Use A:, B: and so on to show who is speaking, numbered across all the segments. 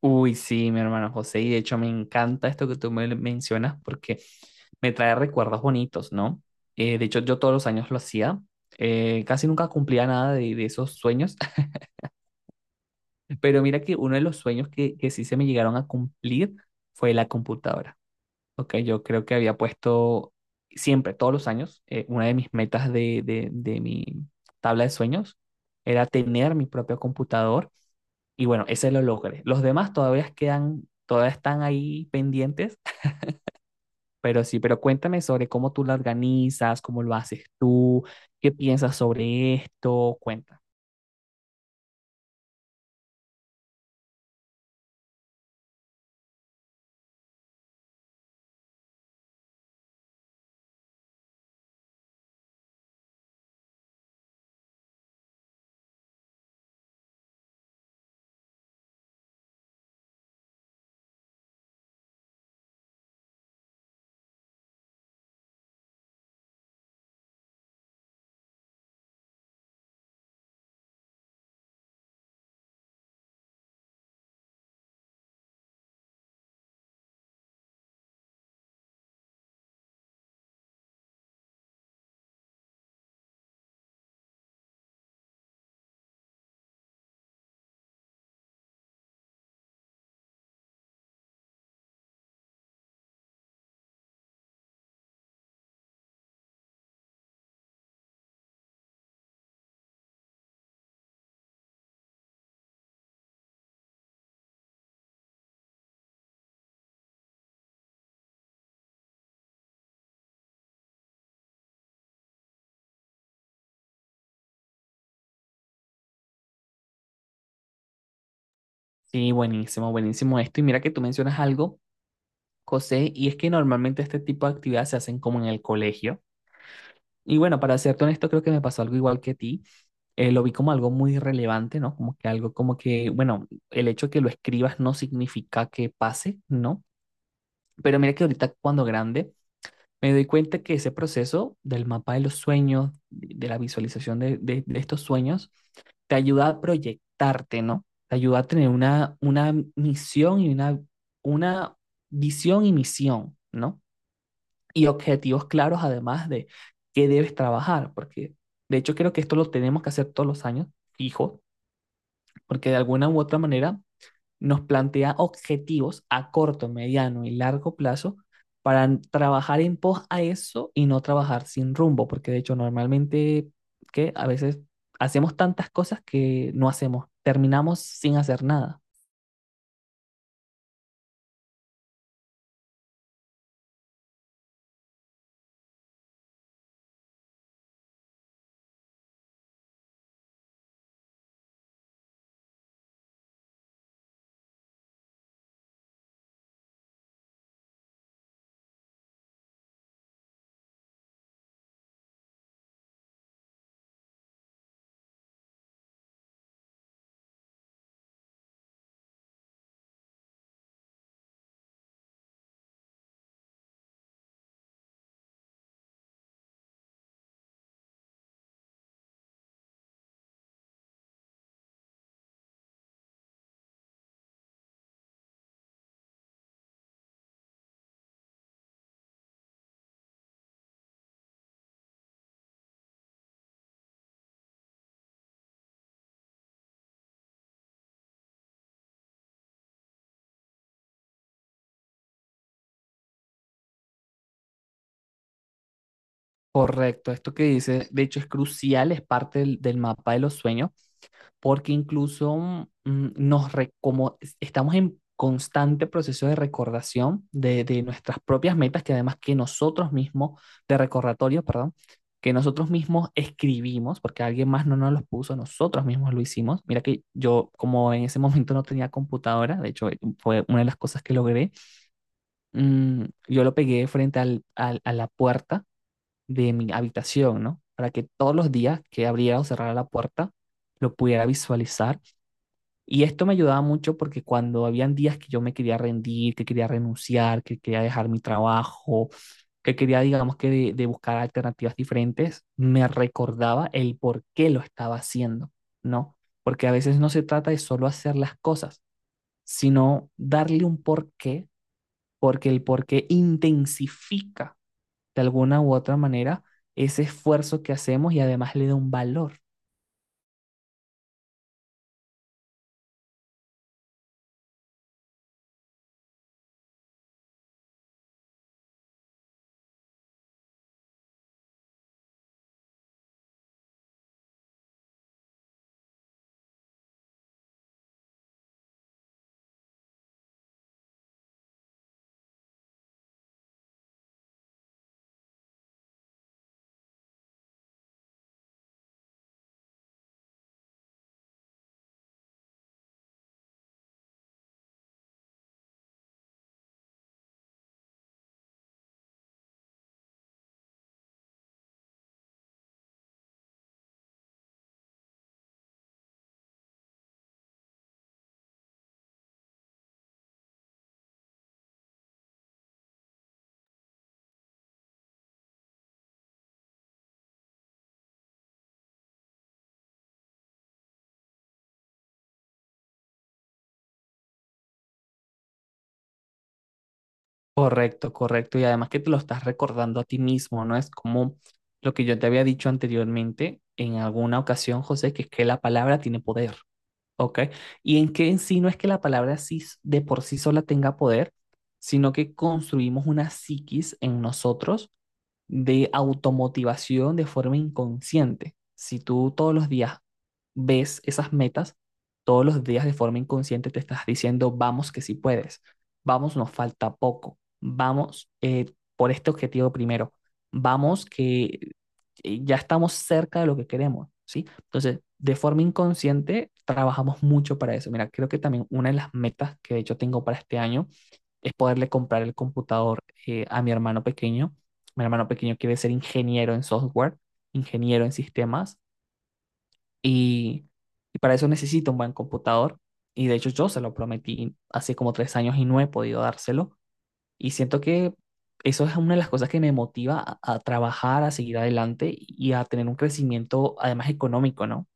A: Uy, sí, mi hermano José, y de hecho me encanta esto que tú me mencionas porque me trae recuerdos bonitos, ¿no? De hecho, yo todos los años lo hacía, casi nunca cumplía nada de esos sueños, pero mira que uno de los sueños que sí se me llegaron a cumplir fue la computadora, ¿ok? Yo creo que había puesto siempre, todos los años, una de mis metas de mi tabla de sueños era tener mi propio computador y bueno, ese lo logré. Los demás todavía quedan, todavía están ahí pendientes, pero sí, pero cuéntame sobre cómo tú la organizas, cómo lo haces tú, qué piensas sobre esto, cuenta. Sí, buenísimo, buenísimo esto. Y mira que tú mencionas algo, José, y es que normalmente este tipo de actividades se hacen como en el colegio. Y bueno, para serte honesto, creo que me pasó algo igual que a ti. Lo vi como algo muy relevante, ¿no? Como que algo como que, bueno, el hecho de que lo escribas no significa que pase, ¿no? Pero mira que ahorita cuando grande me doy cuenta que ese proceso del mapa de los sueños, de la visualización de estos sueños, te ayuda a proyectarte, ¿no? Te ayuda a tener una misión y una visión y misión, ¿no? Y objetivos claros, además de qué debes trabajar, porque de hecho creo que esto lo tenemos que hacer todos los años, fijo, porque de alguna u otra manera nos plantea objetivos a corto, mediano y largo plazo para trabajar en pos a eso y no trabajar sin rumbo, porque de hecho normalmente que a veces hacemos tantas cosas que no hacemos, terminamos sin hacer nada. Correcto, esto que dice, de hecho es crucial, es parte del mapa de los sueños, porque incluso nos re- como es- estamos en constante proceso de recordación de nuestras propias metas, que además que nosotros mismos, de recordatorio, perdón, que nosotros mismos escribimos, porque alguien más no nos los puso, nosotros mismos lo hicimos. Mira que yo, como en ese momento no tenía computadora, de hecho fue una de las cosas que logré, yo lo pegué frente a la puerta de mi habitación, ¿no? Para que todos los días que abriera o cerrara la puerta, lo pudiera visualizar y esto me ayudaba mucho porque cuando habían días que yo me quería rendir, que quería renunciar, que quería dejar mi trabajo, que quería, digamos que, de buscar alternativas diferentes, me recordaba el por qué lo estaba haciendo, ¿no? Porque a veces no se trata de solo hacer las cosas, sino darle un porqué, porque el porqué intensifica de alguna u otra manera ese esfuerzo que hacemos y además le da un valor. Correcto, correcto. Y además que te lo estás recordando a ti mismo, ¿no? Es como lo que yo te había dicho anteriormente en alguna ocasión, José, que es que la palabra tiene poder, ¿ok? Y en que en sí no es que la palabra sí de por sí sola tenga poder, sino que construimos una psiquis en nosotros de automotivación de forma inconsciente. Si tú todos los días ves esas metas, todos los días de forma inconsciente te estás diciendo, vamos que sí puedes, vamos, nos falta poco, vamos por este objetivo primero, vamos que ya estamos cerca de lo que queremos, ¿sí? Entonces, de forma inconsciente trabajamos mucho para eso. Mira, creo que también una de las metas que de hecho tengo para este año es poderle comprar el computador a mi hermano pequeño. Mi hermano pequeño quiere ser ingeniero en software, ingeniero en sistemas, y, y para eso necesito un buen computador. Y de hecho yo se lo prometí hace como 3 años y no he podido dárselo. Y siento que eso es una de las cosas que me motiva a trabajar, a seguir adelante y a tener un crecimiento además económico, ¿no?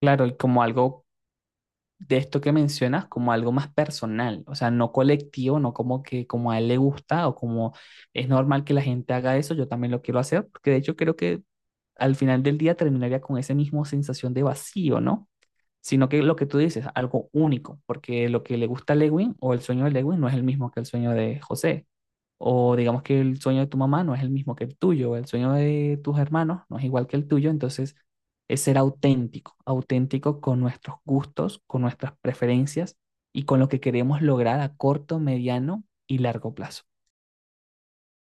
A: Claro, y como algo de esto que mencionas como algo más personal, o sea, no colectivo, no como que como a él le gusta o como es normal que la gente haga eso, yo también lo quiero hacer, porque de hecho creo que al final del día terminaría con esa misma sensación de vacío, ¿no? Sino que lo que tú dices, algo único, porque lo que le gusta a Lewin o el sueño de Lewin no es el mismo que el sueño de José. O digamos que el sueño de tu mamá no es el mismo que el tuyo, el sueño de tus hermanos no es igual que el tuyo, entonces es ser auténtico, auténtico con nuestros gustos, con nuestras preferencias y con lo que queremos lograr a corto, mediano y largo plazo.